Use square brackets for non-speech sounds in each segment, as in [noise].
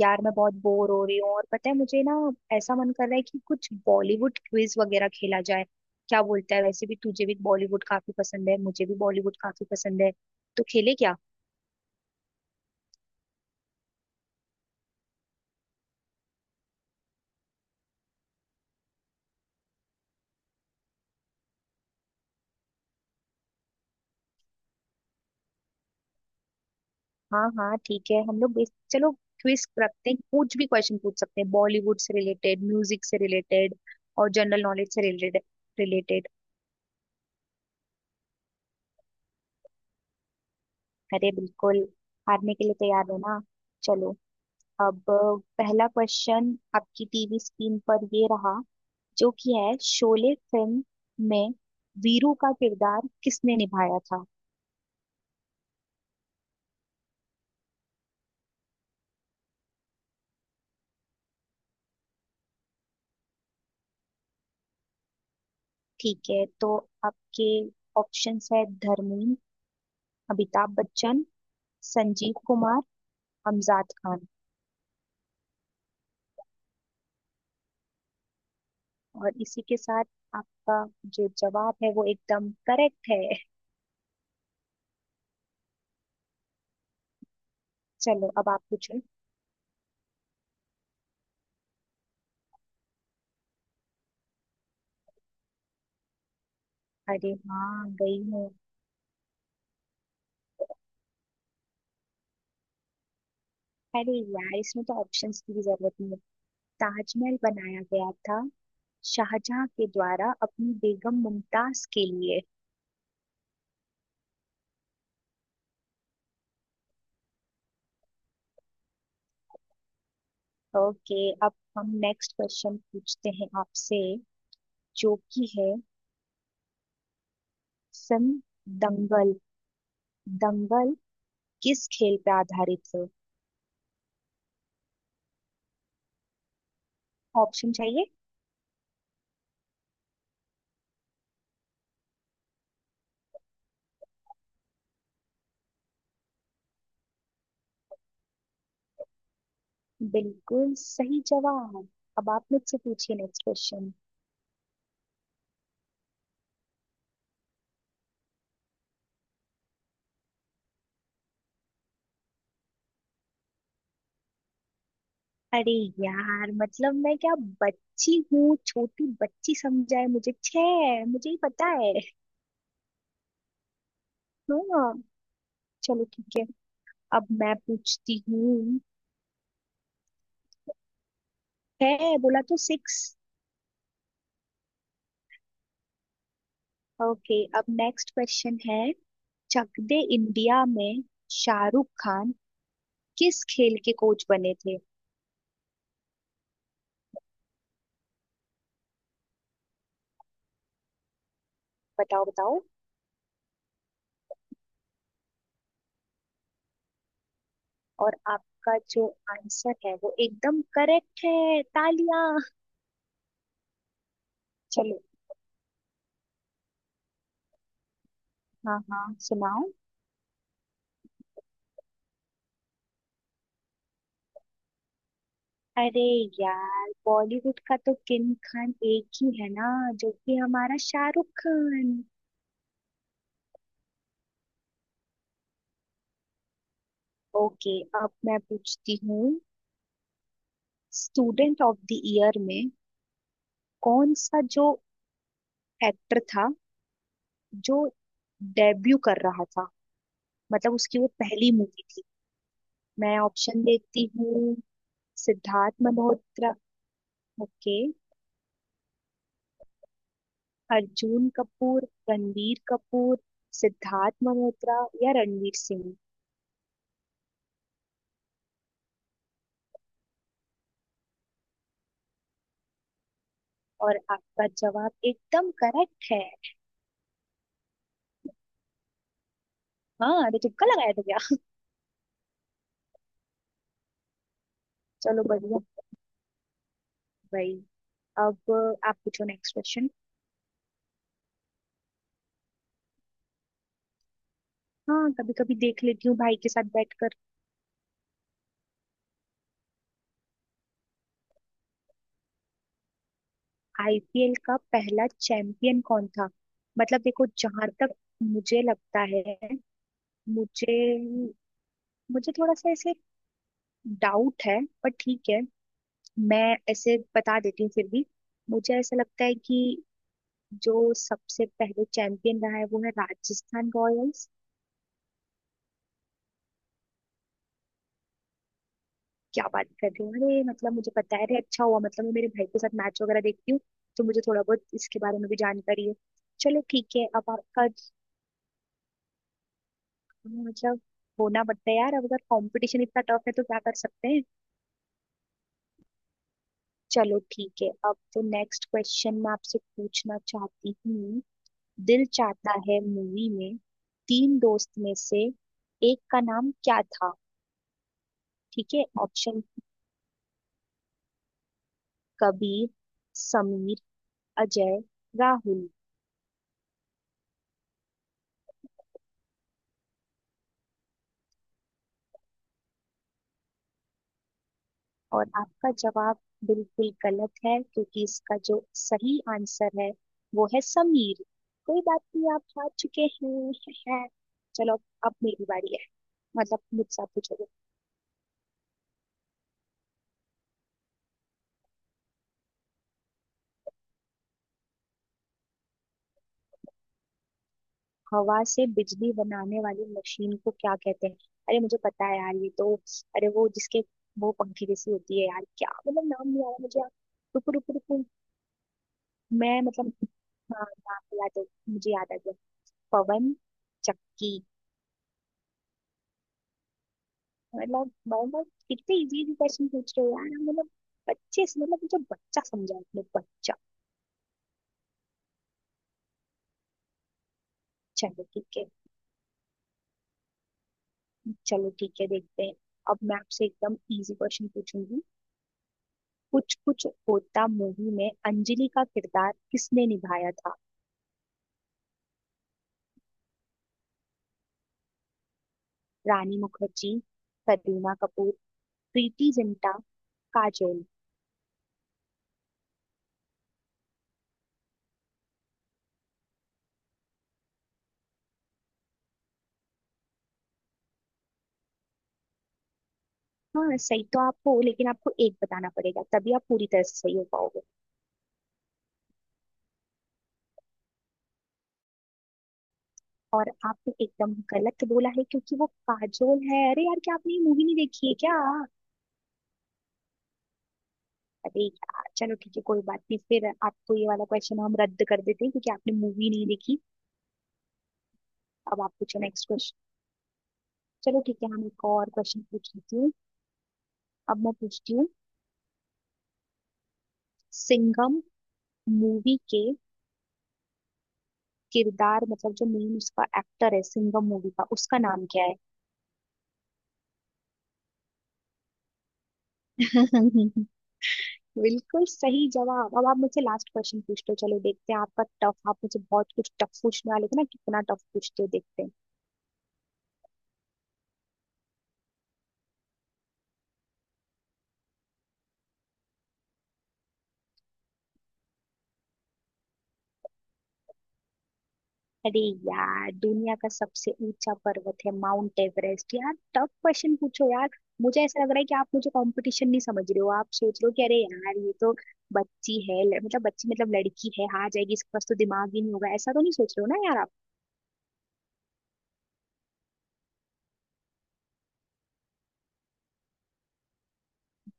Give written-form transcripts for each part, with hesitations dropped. यार मैं बहुत बोर हो रही हूँ और पता है मुझे ना ऐसा मन कर रहा है कि कुछ बॉलीवुड क्विज वगैरह खेला जाए। क्या बोलता है वैसे भी, तुझे भी बॉलीवुड काफी पसंद है मुझे भी बॉलीवुड काफी पसंद है तो खेले क्या। हाँ हाँ ठीक है हम लोग चलो क्विज रखते हैं, कुछ भी क्वेश्चन पूछ सकते हैं बॉलीवुड से रिलेटेड, म्यूजिक से रिलेटेड और जनरल नॉलेज से रिलेटेड रिलेटेड। अरे बिल्कुल। हारने के लिए तैयार हो ना। चलो। अब पहला क्वेश्चन आपकी टीवी स्क्रीन पर ये रहा, जो कि है शोले फिल्म में वीरू का किरदार किसने निभाया था। ठीक है तो आपके ऑप्शंस है धर्मेंद्र, अमिताभ बच्चन, संजीव कुमार, अमजद खान। और इसी के साथ आपका जो जवाब है वो एकदम करेक्ट है। चलो अब आप पूछो। अरे हाँ गई हूँ। अरे यार इसमें तो ऑप्शंस की भी जरूरत नहीं है। ताजमहल बनाया गया था शाहजहां के द्वारा अपनी बेगम मुमताज के लिए। ओके अब हम नेक्स्ट क्वेश्चन पूछते हैं आपसे, जो कि है फिल्म दंगल। दंगल किस खेल पे आधारित है। ऑप्शन चाहिए। बिल्कुल सही जवाब। अब आप मुझसे पूछिए नेक्स्ट क्वेश्चन। अरे यार मतलब मैं क्या बच्ची हूँ, छोटी बच्ची समझा है मुझे, छे मुझे ही पता है। हाँ। चलो ठीक है अब मैं पूछती हूँ। है बोला तो सिक्स। ओके अब नेक्स्ट क्वेश्चन है। चक दे इंडिया में शाहरुख खान किस खेल के कोच बने थे। बताओ बताओ। और आपका जो आंसर है वो एकदम करेक्ट है, तालियां। चलो। हाँ हाँ सुनाओ। अरे यार बॉलीवुड का तो किंग खान एक ही है ना, जो कि हमारा शाहरुख खान। ओके अब मैं पूछती हूँ। स्टूडेंट ऑफ द ईयर में कौन सा जो एक्टर था जो डेब्यू कर रहा था, मतलब उसकी वो पहली मूवी थी। मैं ऑप्शन देती हूँ सिद्धार्थ मल्होत्रा। ओके। अर्जुन कपूर, रणवीर कपूर, सिद्धार्थ मल्होत्रा या रणवीर सिंह। और आपका जवाब एकदम करेक्ट है। हाँ अरे तुक्का लगाया था क्या। चलो बढ़िया भाई। अब आप पूछो नेक्स्ट क्वेश्चन। हाँ कभी कभी देख लेती हूँ भाई के साथ बैठकर। आईपीएल का पहला चैंपियन कौन था। मतलब देखो जहां तक मुझे लगता है, मुझे मुझे थोड़ा सा ऐसे डाउट है, पर ठीक है मैं ऐसे बता देती हूँ फिर भी। मुझे ऐसा लगता है कि जो सबसे पहले चैंपियन रहा है वो है राजस्थान रॉयल्स। क्या बात कर रहे हो, अरे मतलब मुझे पता है, अरे अच्छा हुआ, मतलब मैं मेरे भाई के साथ मैच वगैरह देखती हूँ तो मुझे थोड़ा बहुत इसके बारे में भी जानकारी है। चलो ठीक है अब आपका। मतलब होना पड़ता है यार, अब अगर कंपटीशन इतना टफ है तो क्या कर सकते हैं। चलो ठीक है अब तो नेक्स्ट क्वेश्चन मैं आपसे पूछना चाहती हूँ। दिल चाहता है मूवी में तीन दोस्त में से एक का नाम क्या था। ठीक है ऑप्शन कबीर, समीर, अजय, राहुल। और आपका जवाब बिल्कुल गलत है क्योंकि इसका जो सही आंसर है वो है समीर। कोई बात नहीं आप हार चुके हैं। [laughs] चलो अब मेरी बारी है। मतलब मुझसे आप पूछो। हवा से बिजली बनाने वाली मशीन को क्या कहते हैं। अरे मुझे पता है यार ये तो, अरे वो जिसके, वो पंखे जैसी होती है यार, क्या मतलब नाम नहीं आ रहा मुझे यार। रुको रुको रुको। मैं मतलब, हाँ नाम याद है, मुझे याद आ गया। पवन चक्की। मतलब कितने इजी इजी क्वेश्चन पूछ रहे हो यार मतलब। मतलब मुझे बच्चा समझा अपने, बच्चा। चलो ठीक है। चलो ठीक है देखते हैं। अब मैं आपसे एकदम इजी क्वेश्चन पूछूंगी। कुछ कुछ होता मूवी में अंजलि का किरदार किसने निभाया था। रानी मुखर्जी, करीना कपूर, प्रीति जिंटा, काजोल। हाँ सही तो आप हो, लेकिन आपको एक बताना पड़ेगा तभी आप पूरी तरह से सही हो पाओगे। और आपने एकदम गलत बोला है क्योंकि वो काजोल है। अरे यार क्या आपने ये मूवी नहीं देखी है क्या। अरे यार चलो ठीक है कोई बात नहीं, फिर आपको ये वाला क्वेश्चन हम रद्द कर देते हैं क्योंकि आपने मूवी नहीं देखी। अब आप पूछो नेक्स्ट क्वेश्चन। चलो ठीक है हम एक और क्वेश्चन पूछ लेती हूँ। अब मैं पूछती हूँ। सिंघम मूवी के किरदार मतलब जो मेन उसका एक्टर है सिंघम मूवी का, उसका नाम क्या है। [laughs] बिल्कुल सही जवाब। अब आप मुझसे लास्ट क्वेश्चन पूछते हो, चलो देखते हैं आपका टफ। आप मुझे बहुत कुछ टफ पूछने वाले थे ना, कितना टफ पूछते हो देखते हैं। अरे यार दुनिया का सबसे ऊंचा पर्वत है माउंट एवरेस्ट। यार टफ क्वेश्चन पूछो यार। मुझे ऐसा लग रहा है कि आप मुझे कंपटीशन नहीं समझ रहे हो, आप सोच रहे हो कि अरे यार ये तो बच्ची है, मतलब बच्ची मतलब लड़की है हार जाएगी, इसके पास तो दिमाग ही नहीं होगा, ऐसा तो नहीं सोच रहे हो ना यार आप।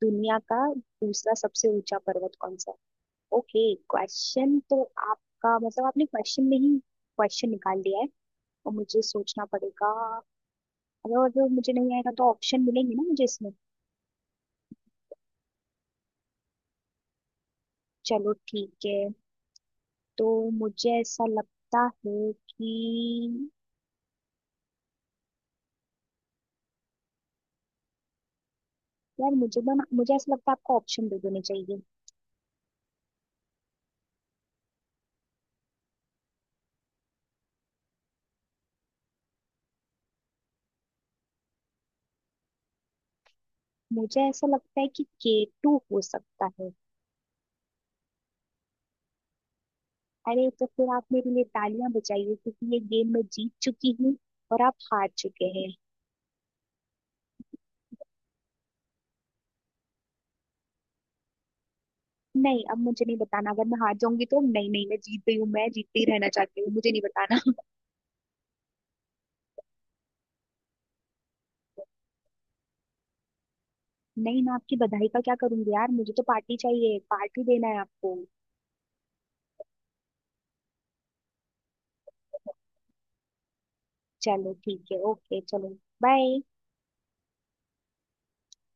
दुनिया का दूसरा सबसे ऊंचा पर्वत कौन सा है। ओके। क्वेश्चन तो आपका, मतलब आपने क्वेश्चन में ही क्वेश्चन निकाल दिया है और मुझे सोचना पड़ेगा। अगर अगर मुझे नहीं आएगा तो ऑप्शन मिलेंगे ना मुझे इसमें। चलो ठीक है। तो मुझे ऐसा लगता है कि, यार मुझे ना, मुझे ऐसा लगता है आपको ऑप्शन दे देने चाहिए। मुझे ऐसा लगता है कि K2 हो सकता है। अरे तो फिर आप मेरे लिए तालियां बजाइए क्योंकि ये गेम मैं जीत चुकी हूँ और आप हार चुके हैं। नहीं अब मुझे नहीं बताना, अगर मैं हार जाऊंगी तो, नहीं नहीं मैं जीत गई हूँ, मैं जीतती ही रहना चाहती हूँ, मुझे नहीं बताना। [laughs] नहीं मैं आपकी बधाई का क्या करूंगी यार, मुझे तो पार्टी चाहिए, पार्टी देना है आपको। चलो ठीक है, ओके चलो। बाय।